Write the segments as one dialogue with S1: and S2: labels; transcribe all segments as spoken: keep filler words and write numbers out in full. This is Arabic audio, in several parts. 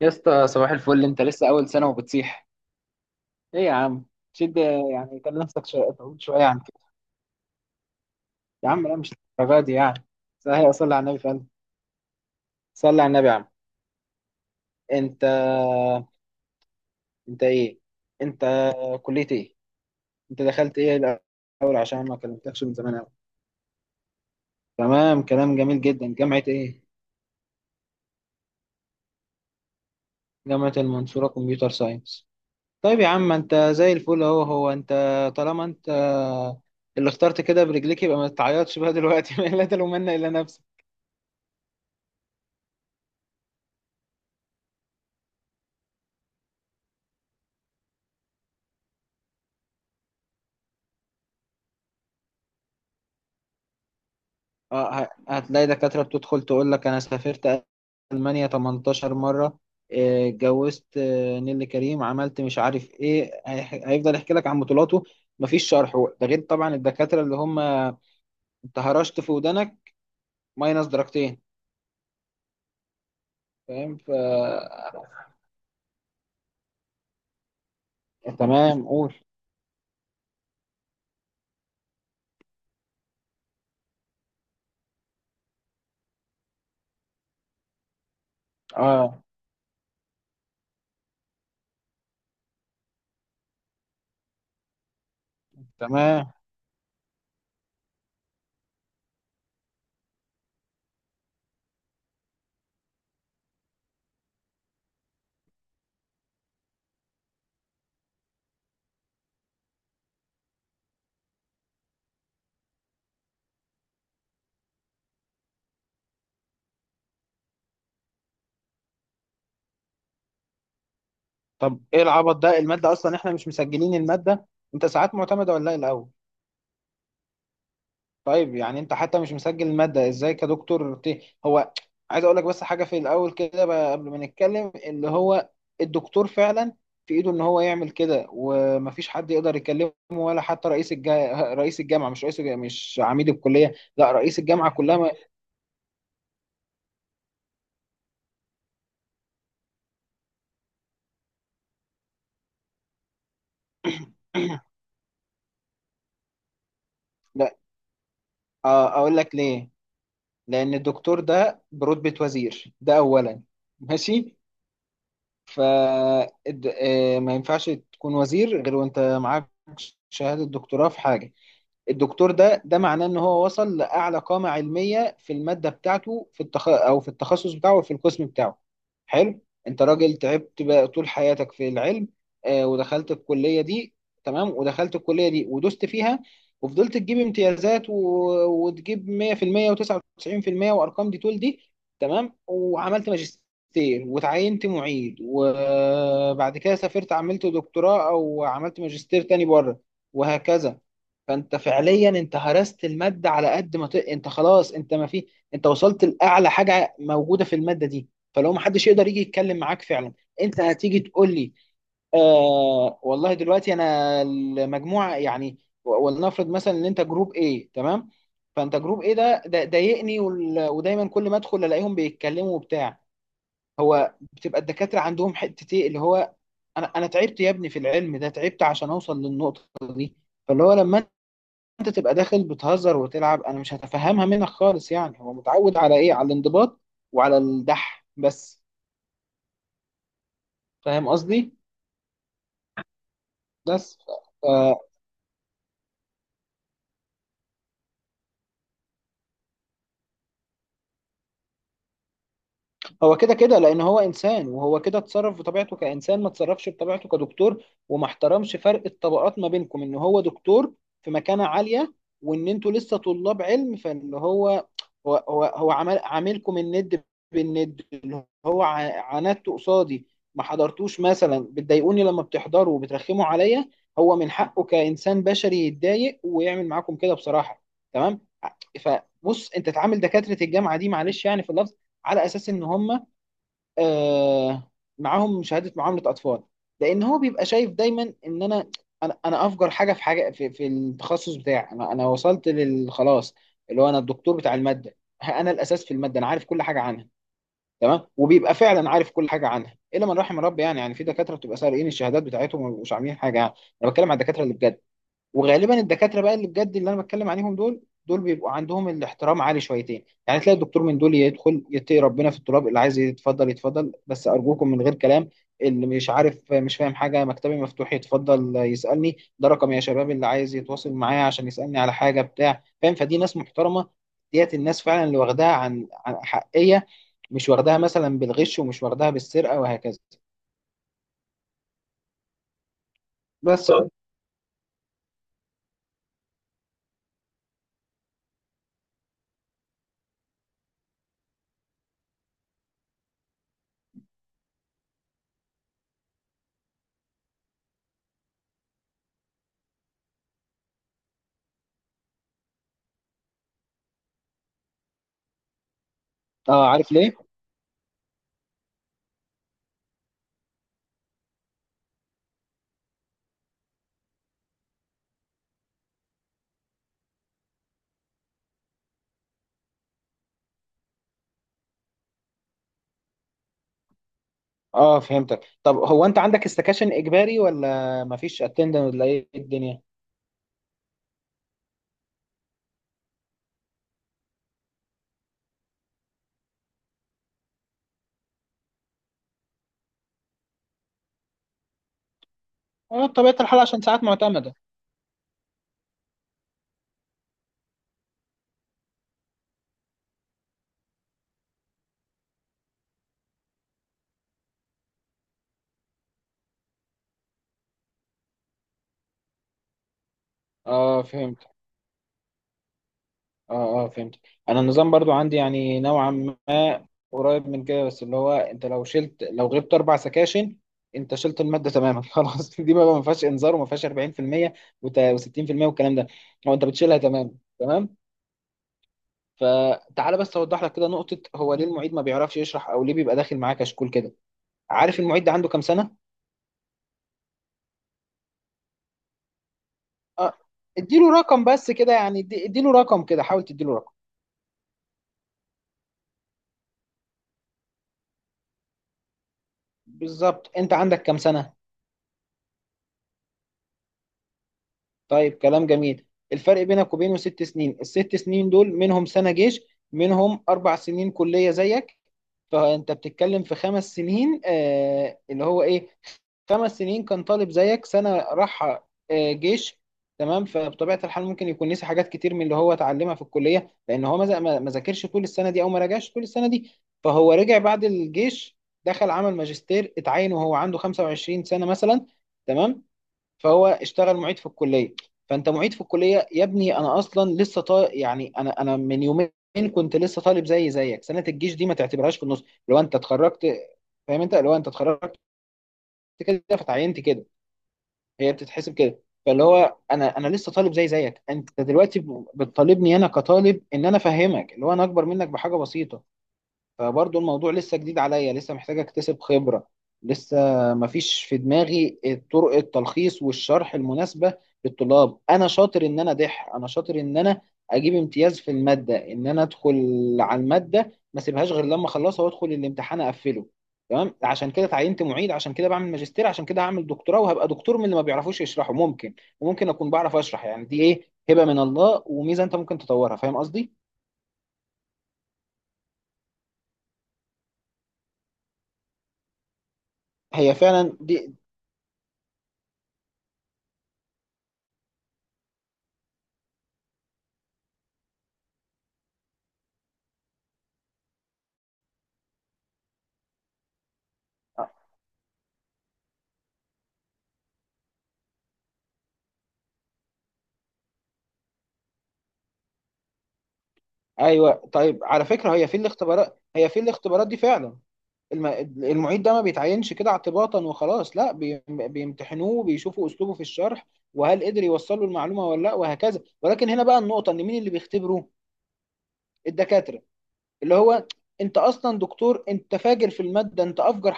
S1: يا اسطى صباح الفل، انت لسه اول سنه وبتصيح؟ ايه يا عم؟ شد. يعني كان نفسك شو- تعود شويه عن كده؟ يا عم لا، مش الدرجه دي يعني. صحيح، صلي على النبي فعلا. صلي على النبي يا عم. انت انت ايه؟ انت كليه ايه؟ انت دخلت ايه الاول؟ عشان ما كلمتكش من زمان قوي. تمام، كلام جميل جدا. جامعه ايه؟ جامعه المنصوره كمبيوتر ساينس. طيب يا عم، انت زي الفل اهو. هو انت طالما انت اللي اخترت كده برجليك، يبقى ما تعيطش بقى دلوقتي لا تلومن الا نفسك. اه ه- هتلاقي دكاترة بتدخل تقول لك: أنا سافرت ألمانيا 18 مرة، آه، اتجوزت، آه، نيللي كريم عملت مش عارف إيه. هيح- هيفضل يحكي لك عن بطولاته. مفيش شرح. ده غير طبعا الدكاترة اللي هم، أنت هرشت في ودانك، ماينس درجتين. فاهم؟ ف تمام قول. اه تمام. طب إيه العبط ده؟ المادة أصلا إحنا مش مسجلين المادة. أنت ساعات معتمدة ولا إيه الأول؟ طيب يعني انت حتى مش مسجل المادة، ازاي كدكتور ت... هو عايز اقول لك بس حاجة في الاول كده بقى قبل ما نتكلم. اللي هو الدكتور فعلا في ايده ان هو يعمل كده، ومفيش حد يقدر يكلمه، ولا حتى رئيس الجا... رئيس الجامعة. مش رئيس الجامعة، مش عميد الكلية، لا رئيس الجامعة كلها ما... لا. اه، اقول لك ليه. لان الدكتور ده برتبة وزير، ده اولا. ماشي. ف الد- آه، ما ينفعش تكون وزير غير وانت معاك شهادة دكتوراه في حاجة. الدكتور ده ده معناه ان هو وصل لاعلى قامه علميه في الماده بتاعته، في التخ... او في التخصص بتاعه وفي القسم بتاعه. حلو. انت راجل تعبت بقى طول حياتك في العلم، آه، ودخلت الكليه دي. تمام، ودخلت الكليه دي ودوست فيها، وفضلت تجيب امتيازات و... وتجيب مية في المية و99% وارقام دي طول دي. تمام، وعملت ماجستير، وتعينت معيد، وبعد كده سافرت عملت دكتوراه، او عملت ماجستير تاني بره، وهكذا. فانت فعليا انت هرست الماده على قد ما ت... انت خلاص، انت ما في، انت وصلت لاعلى حاجه موجوده في الماده دي. فلو ما حدش يقدر يجي يتكلم معاك فعلا. انت هتيجي تقول لي: آه والله دلوقتي انا المجموعه يعني. و- ولنفرض مثلا ان انت جروب ايه تمام. فانت جروب ايه ده ده ضايقني وال... ودايما كل ما ادخل الاقيهم بيتكلموا وبتاع. هو بتبقى الدكاتره عندهم حته ايه اللي هو: انا انا تعبت يا ابني في العلم ده، تعبت عشان اوصل للنقطه دي. فاللي هو لما انت تبقى داخل بتهزر وتلعب، انا مش هتفهمها منك خالص. يعني هو متعود على ايه؟ على الانضباط وعلى الدح بس. فاهم قصدي؟ بس هو كده كده، لان هو انسان، وهو كده اتصرف بطبيعته كانسان، ما اتصرفش بطبيعته كدكتور، وما احترمش فرق الطبقات ما بينكم ان هو دكتور في مكانة عالية، وان انتوا لسه طلاب علم. فاللي هو هو هو, هو عمل عاملكم الند بالند. اللي هو ع- عاندته قصادي، ما حضرتوش مثلا، بتضايقوني لما بتحضروا وبترخموا عليا. هو من حقه كانسان بشري يتضايق ويعمل معاكم كده بصراحة. تمام. فبص، انت تعامل دكاترة الجامعة دي، معلش يعني في اللفظ، على اساس ان هم، آه، معاهم شهاده، معامله اطفال. لان هو بيبقى شايف دايما ان انا، انا انا افجر حاجه في حاجه في, في التخصص بتاعي. انا انا وصلت لل خلاص. اللي هو انا الدكتور بتاع الماده. ها، انا الاساس في الماده، انا عارف كل حاجه عنها. تمام. وبيبقى فعلا عارف كل حاجه عنها الا من رحم ربي. يعني يعني في دكاتره بتبقى سارقين الشهادات بتاعتهم، ومش عاملين حاجه يعني. انا بتكلم على الدكاتره اللي بجد. وغالبا الدكاتره بقى اللي بجد، اللي انا بتكلم عليهم دول، دول بيبقوا عندهم الاحترام عالي شويتين. يعني تلاقي الدكتور من دول يدخل يتقي ربنا في التراب. اللي عايز يتفضل يتفضل، بس ارجوكم من غير كلام. اللي مش عارف، مش فاهم حاجه، مكتبي مفتوح، يتفضل يسالني. ده رقم يا شباب، اللي عايز يتواصل معايا عشان يسالني على حاجه بتاع، فاهم؟ فدي ناس محترمه. ديت الناس فعلا اللي واخداها عن عن حقيه، مش واخداها مثلا بالغش، ومش واخداها بالسرقه، وهكذا. بس. اه، عارف ليه؟ اه فهمتك. طب هو انت عندك استكاشن اجباري ولا مفيش اتندنس، ولا ايه الدنيا؟ اه، بطبيعه الحال عشان ساعات معتمده. اه فهمت. اه اه فهمت. انا النظام برضو عندي يعني نوعا ما قريب من كده. بس اللي هو انت لو شلت لو غبت اربع سكاشن، انت شلت الماده تماما خلاص، دي بقى ما فيهاش انذار وما فيهاش أربعين في المية و60% والكلام ده. هو انت بتشيلها تمام تمام. فتعالى بس اوضح لك كده نقطه: هو ليه المعيد ما بيعرفش يشرح، او ليه بيبقى داخل معاه كشكول كده؟ عارف المعيد ده عنده كام سنه؟ آه، اديله رقم بس كده يعني، ادي- اديله رقم كده، حاول تديله رقم. بالظبط، انت عندك كام سنة؟ طيب كلام جميل. الفرق بينك وبينه ست سنين. الست سنين دول منهم سنة جيش، منهم اربع سنين كلية زيك. فانت بتتكلم في خمس سنين، آه، اللي هو ايه؟ خمس سنين كان طالب زيك، سنه راح، آه، جيش. تمام. فبطبيعه الحال ممكن يكون نسي حاجات كتير من اللي هو اتعلمها في الكليه، لان هو ما ذا- ما- ما ذاكرش طول السنه دي، او ما راجعش طول السنه دي. فهو رجع بعد الجيش، دخل عمل ماجستير، اتعين وهو عنده خمسة وعشرين سنة سنه مثلا. تمام. فهو اشتغل معيد في الكليه. فانت معيد في الكليه يا ابني، انا اصلا لسه طا... يعني انا انا من يومين كنت لسه طالب زي زيك. سنه الجيش دي ما تعتبرهاش، في النص لو انت اتخرجت، فاهم؟ انت لو انت اتخرجت كده فتعينت كده، هي بتتحسب كده. فاللي هو انا انا لسه طالب زي زيك. انت دلوقتي ب- بتطالبني انا كطالب ان انا افهمك، اللي هو انا اكبر منك بحاجه بسيطه. فبرضه الموضوع لسه جديد عليا، لسه محتاج اكتسب خبرة، لسه مفيش في دماغي طرق التلخيص والشرح المناسبة للطلاب. انا شاطر ان انا دح، انا شاطر ان انا اجيب امتياز في المادة، ان انا ادخل على المادة ما سيبهاش غير لما اخلصها، وادخل الامتحان اقفله. تمام. عشان كده اتعينت معيد، عشان كده بعمل ماجستير، عشان كده هعمل دكتوراه، وهبقى دكتور من اللي ما بيعرفوش يشرحوا، ممكن. وممكن اكون بعرف اشرح. يعني دي ايه؟ هبة من الله وميزة، انت ممكن تطورها. فاهم قصدي؟ هي فعلا دي. ايوه. طيب على فكره، هي في الاختبارات هي في الاختبارات دي فعلا الم... المعيد ده ما بيتعينش كده اعتباطا وخلاص، لا، بي... بيمتحنوه، بيشوفوا اسلوبه في الشرح وهل قدر يوصل له المعلومه ولا لا، وهكذا. ولكن هنا بقى النقطه ان مين اللي بيختبره؟ الدكاتره. اللي هو انت اصلا دكتور، انت فاجر في الماده، انت افجر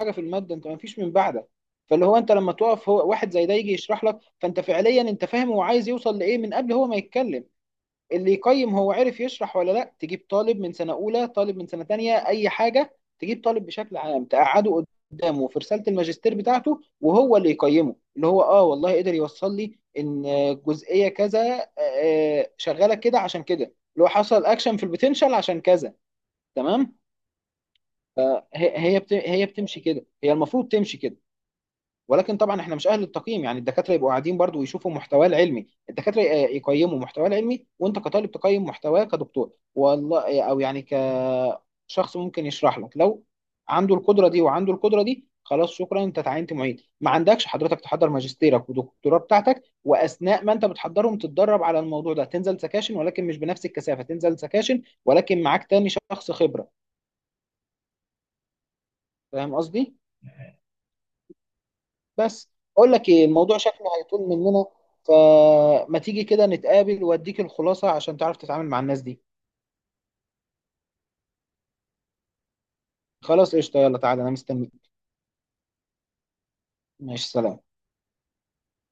S1: حاجه في الماده، انت ما فيش من بعدك. فاللي هو انت لما تقف هو، واحد زي ده يجي يشرح لك، فانت فعليا انت فاهم هو عايز يوصل لايه من قبل هو ما يتكلم. اللي يقيم هو عرف يشرح ولا لا، تجيب طالب من سنة أولى، طالب من سنة تانية، أي حاجة، تجيب طالب بشكل عام تقعده قدامه في رسالة الماجستير بتاعته، وهو اللي يقيمه، اللي هو: اه والله قدر يوصل لي ان جزئية كذا، آه، آه، شغالة كده عشان كده، اللي هو حصل اكشن في البوتنشال عشان كذا. تمام. هي هي بت- هي بتمشي كده، هي المفروض تمشي كده. ولكن طبعا احنا مش اهل التقييم. يعني الدكاتره يبقوا قاعدين برضو ويشوفوا محتواه العلمي، الدكاتره ي- آه، يقيموا محتواه العلمي، وانت كطالب تقيم محتواه كدكتور والله، آه، او يعني كشخص ممكن يشرح لك لو عنده القدره دي. وعنده القدره دي خلاص، شكرا، انت تعينت معيد، ما عندكش حضرتك، تحضر ماجستيرك ودكتوراه بتاعتك، واثناء ما انت بتحضرهم تتدرب على الموضوع ده، تنزل سكاشن ولكن مش بنفس الكثافه، تنزل سكاشن ولكن معاك تاني شخص خبره. فاهم قصدي؟ بس. اقول لك ايه، الموضوع شكله هيطول مننا، فما تيجي كده نتقابل واديك الخلاصة، عشان تعرف تتعامل مع الناس دي. خلاص قشطة، يلا تعالى انا مستني. ماشي، سلام.